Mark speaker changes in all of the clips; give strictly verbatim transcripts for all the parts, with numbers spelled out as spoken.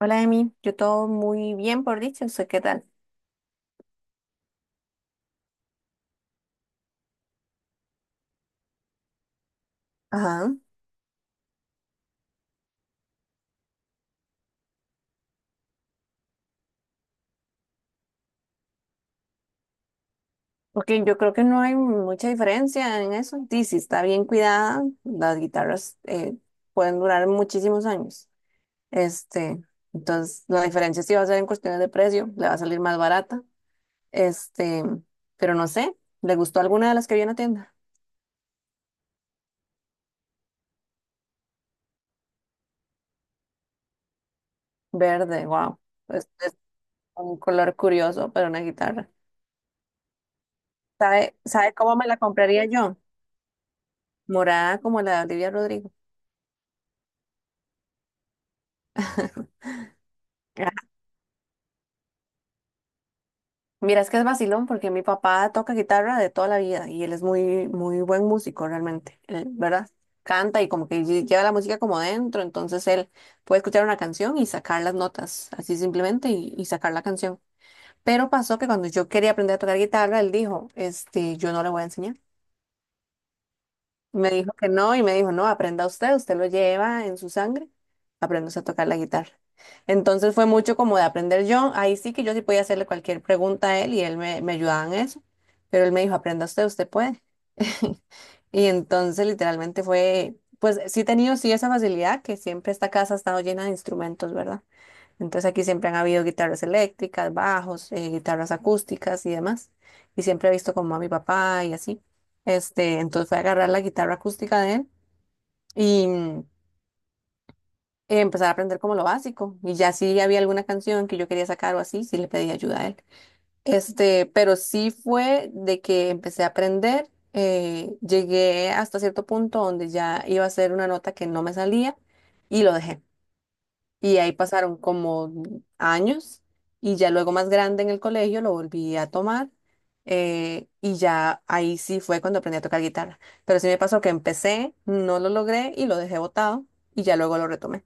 Speaker 1: Hola, Emi. Yo todo muy bien, por dicho. ¿Usted qué tal? Ajá. Porque yo creo que no hay mucha diferencia en eso. Sí, si está bien cuidada, las guitarras eh, pueden durar muchísimos años. Este, entonces, la diferencia sí va a ser en cuestiones de precio. Le va a salir más barata. Este, pero no sé. ¿Le gustó alguna de las que vi en la tienda? Verde, wow. Es, es un color curioso para una guitarra. ¿Sabe, sabe cómo me la compraría yo? Morada como la de Olivia Rodrigo. Mira, es que es vacilón porque mi papá toca guitarra de toda la vida y él es muy, muy buen músico realmente, él, ¿verdad? Canta y como que lle- lleva la música como dentro, entonces él puede escuchar una canción y sacar las notas, así simplemente, y, y sacar la canción. Pero pasó que cuando yo quería aprender a tocar guitarra, él dijo, este, yo no le voy a enseñar. Me dijo que no y me dijo, no, aprenda usted, usted lo lleva en su sangre, aprendas a tocar la guitarra. Entonces fue mucho como de aprender yo, ahí sí que yo sí podía hacerle cualquier pregunta a él y él me, me ayudaba en eso, pero él me dijo, aprenda usted, usted puede. Y entonces literalmente fue, pues sí he tenido sí esa facilidad que siempre esta casa ha estado llena de instrumentos, ¿verdad? Entonces aquí siempre han habido guitarras eléctricas, bajos, eh, guitarras acústicas y demás. Y siempre he visto como a mi papá y así. Este, entonces fue a agarrar la guitarra acústica de él y mm, empezar a aprender como lo básico. Y ya si había alguna canción que yo quería sacar o así, sí le pedí ayuda a él. Este, pero sí fue de que empecé a aprender. Eh, llegué hasta cierto punto donde ya iba a ser una nota que no me salía y lo dejé. Y ahí pasaron como años y ya luego más grande en el colegio lo volví a tomar eh, y ya ahí sí fue cuando aprendí a tocar guitarra. Pero sí me pasó que empecé, no lo logré y lo dejé botado y ya luego lo retomé.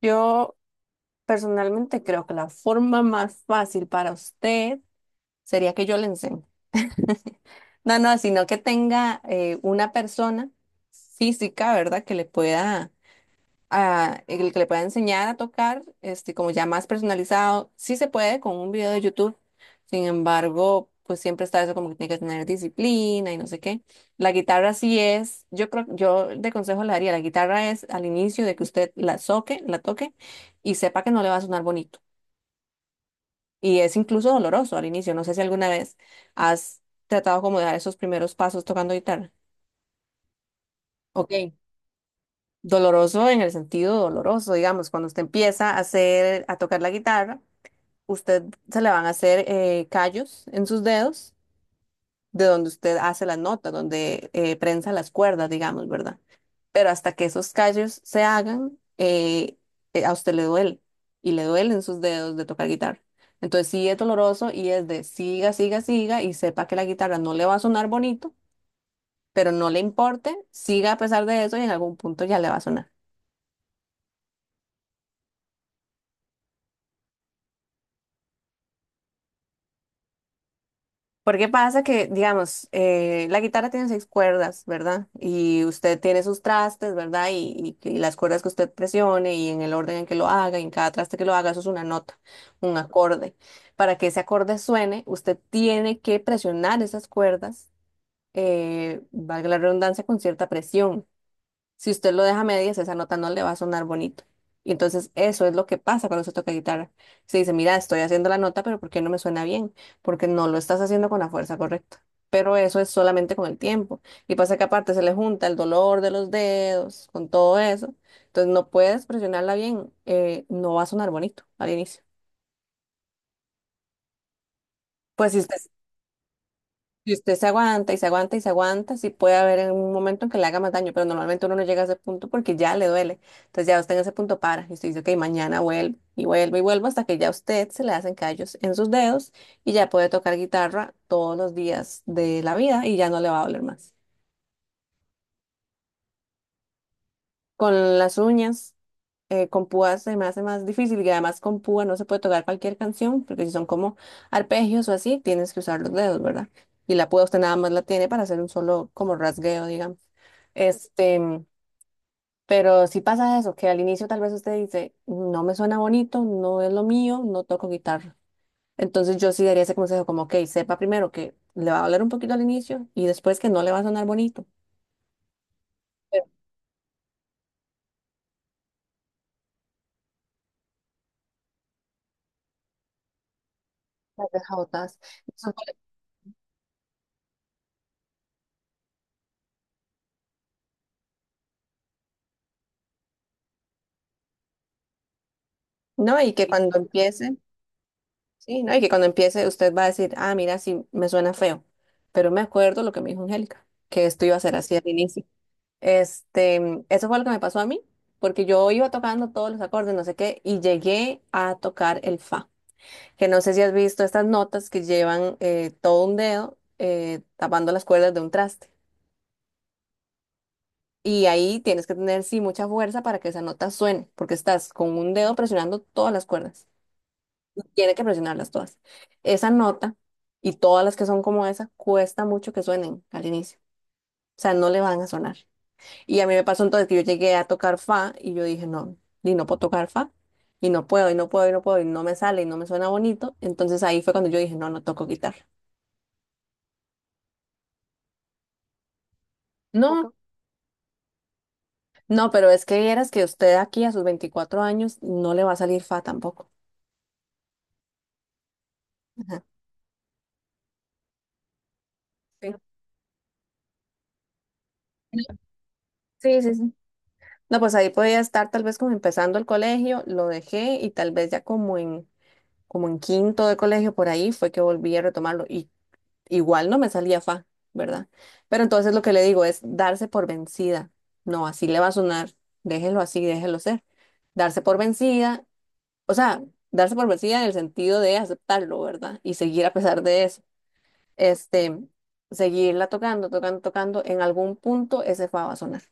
Speaker 1: Yo personalmente creo que la forma más fácil para usted sería que yo le enseñe. No, no, sino que tenga eh, una persona física, ¿verdad? Que le pueda a- el que le pueda enseñar a tocar, este, como ya más personalizado, sí se puede con un video de YouTube. Sin embargo, pues siempre está eso como que tiene que tener disciplina y no sé qué. La guitarra sí es, yo creo, yo de consejo le daría, la guitarra es al inicio de que usted la toque, la toque y sepa que no le va a sonar bonito. Y es incluso doloroso al inicio. No sé si alguna vez has tratado como de dar esos primeros pasos tocando guitarra. Ok. Doloroso en el sentido doloroso, digamos, cuando usted empieza a hacer, a tocar la guitarra, usted se le van a hacer eh, callos en sus dedos, de donde usted hace las notas, donde eh, prensa las cuerdas, digamos, ¿verdad? Pero hasta que esos callos se hagan, eh, eh, a usted le duele y le duelen sus dedos de tocar guitarra. Entonces sí es doloroso y es de siga, siga, siga y sepa que la guitarra no le va a sonar bonito, pero no le importe, siga a pesar de eso y en algún punto ya le va a sonar. Porque pasa que, digamos, eh, la guitarra tiene seis cuerdas, ¿verdad? Y usted tiene sus trastes, ¿verdad? Y, y- y las cuerdas que usted presione y en el orden en que lo haga, y en cada traste que lo haga, eso es una nota, un acorde. Para que ese acorde suene, usted tiene que presionar esas cuerdas, eh, valga la redundancia, con cierta presión. Si usted lo deja a medias, esa nota no le va a sonar bonito. Y entonces eso es lo que pasa cuando se toca guitarra. Se dice, mira, estoy haciendo la nota, pero ¿por qué no me suena bien? Porque no lo estás haciendo con la fuerza correcta. Pero eso es solamente con el tiempo. Y pasa que aparte se le junta el dolor de los dedos, con todo eso. Entonces no puedes presionarla bien, eh, no va a sonar bonito al inicio. Pues si usted Y usted se aguanta y se aguanta y se aguanta, sí puede haber en un momento en que le haga más daño, pero normalmente uno no llega a ese punto porque ya le duele. Entonces ya usted en ese punto para y usted dice, ok, mañana vuelvo y vuelvo y vuelvo hasta que ya a usted se le hacen callos en sus dedos y ya puede tocar guitarra todos los días de la vida y ya no le va a doler más. Con las uñas. Eh, con púa se me hace más difícil y además con púa no se puede tocar cualquier canción, porque si son como arpegios o así, tienes que usar los dedos, ¿verdad? Y la púa usted nada más la tiene para hacer un solo como rasgueo, digamos. Este, pero si pasa eso, que al inicio tal vez usted dice, no me suena bonito, no es lo mío, no toco guitarra. Entonces yo sí daría ese consejo como, ok, sepa primero que le va a doler un poquito al inicio y después que no le va a sonar bonito. Las deja botadas. Eso fue- No, y que cuando empiece, sí, ¿no? Y que cuando empiece usted va a decir, ah, mira, sí, me suena feo, pero me acuerdo lo que me dijo Angélica, que esto iba a ser así al inicio. Este, mm, eso fue lo que me pasó a mí, porque yo iba tocando todos los acordes, no sé qué, y llegué a tocar el fa, que no sé si has visto estas notas que llevan eh, todo un dedo eh, tapando las cuerdas de un traste. Y ahí tienes que tener, sí, mucha fuerza para que esa nota suene, porque estás con un dedo presionando todas las cuerdas. Tiene que presionarlas todas. Esa nota y todas las que son como esa cuesta mucho que suenen al inicio. O sea, no le van a sonar. Y a mí me pasó entonces que yo llegué a tocar fa y yo dije, no, y no puedo tocar fa. Y no puedo, y no puedo, y no puedo, y no me sale, y no me suena bonito. Entonces ahí fue cuando yo dije, no, no toco guitarra. No. No, pero es que vieras que usted aquí a sus veinticuatro años no le va a salir fa tampoco. Ajá. Sí. Sí, sí, sí. No, pues ahí podía estar tal vez como empezando el colegio, lo dejé y tal vez ya como en como en quinto de colegio, por ahí fue que volví a retomarlo y igual no me salía fa, ¿verdad? Pero entonces lo que le digo es darse por vencida. No, así le va a sonar, déjelo así, déjelo ser. Darse por vencida, o sea, darse por vencida en el sentido de aceptarlo, ¿verdad? Y seguir a pesar de eso. Este, seguirla tocando, tocando, tocando, en algún punto ese fa va a sonar.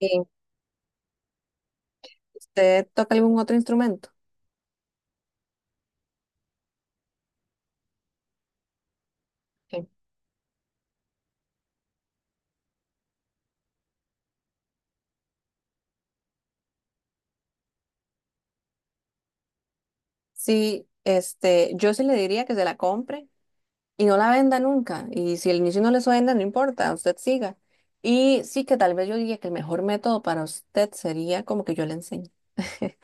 Speaker 1: Sí. ¿Usted toca algún otro instrumento? Sí. Sí, este, yo sí le diría que se la compre y no la venda nunca. Y si al inicio no les venda, no importa, usted siga. Y sí que tal vez yo diría que el mejor método para usted sería como que yo le enseñe.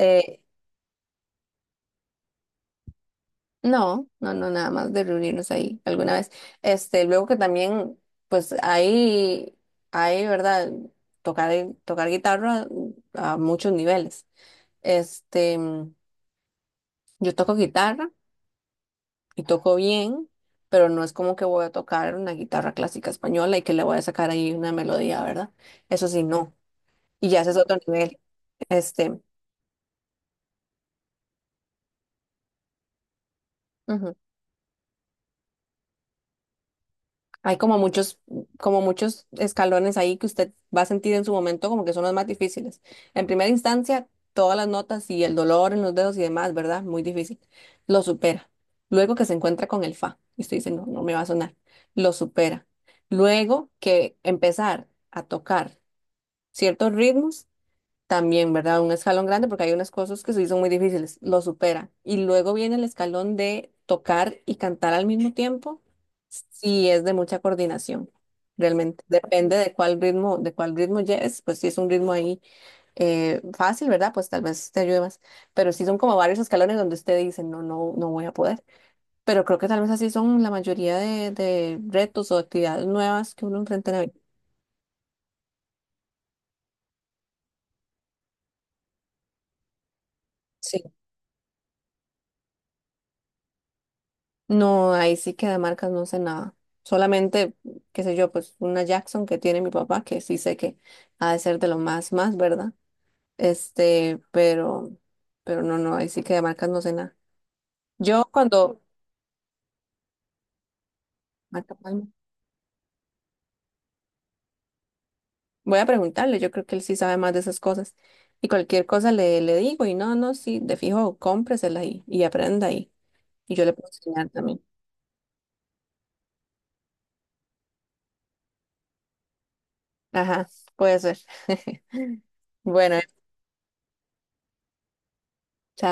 Speaker 1: Eh, no, no, no, nada más de reunirnos ahí alguna vez. Este, luego que también, pues ahí, ahí, ¿verdad? Tocar, tocar guitarra a muchos niveles. Este, yo toco guitarra y toco bien, pero no es como que voy a tocar una guitarra clásica española y que le voy a sacar ahí una melodía, ¿verdad? Eso sí, no. Y ya ese es otro nivel. Este, ujú. Hay como muchos, como muchos escalones ahí que usted va a sentir en su momento como que son los más difíciles. En primera instancia, todas las notas y el dolor en los dedos y demás, ¿verdad? Muy difícil. Lo supera. Luego que se encuentra con el fa, y usted dice, no, no me va a sonar. Lo supera. Luego que empezar a tocar ciertos ritmos también, ¿verdad? Un escalón grande porque hay unas cosas que sí son muy difíciles, lo supera. Y luego viene el escalón de tocar y cantar al mismo tiempo, sí es de mucha coordinación, realmente. Depende de cuál ritmo, de cuál ritmo lleves, pues si es un ritmo ahí eh, fácil, ¿verdad? Pues tal vez te ayude más. Pero sí son como varios escalones donde usted dice, no, no, no voy a poder. Pero creo que tal vez así son la mayoría de, de retos o actividades nuevas que uno enfrenta en la vida. Sí. No, ahí sí que de marcas no sé nada. Solamente, qué sé yo, pues una Jackson que tiene mi papá, que sí sé que ha de ser de lo más, más, ¿verdad? Este, pero, pero no, no, ahí sí que de marcas no sé nada. Yo cuando, Marca Palma, voy a preguntarle, yo creo que él sí sabe más de esas cosas. Y cualquier cosa le, le digo, y no, no, sí, de fijo, cómpresela y, y aprenda ahí. Y yo le puedo enseñar también. Ajá, puede ser. Bueno, chao.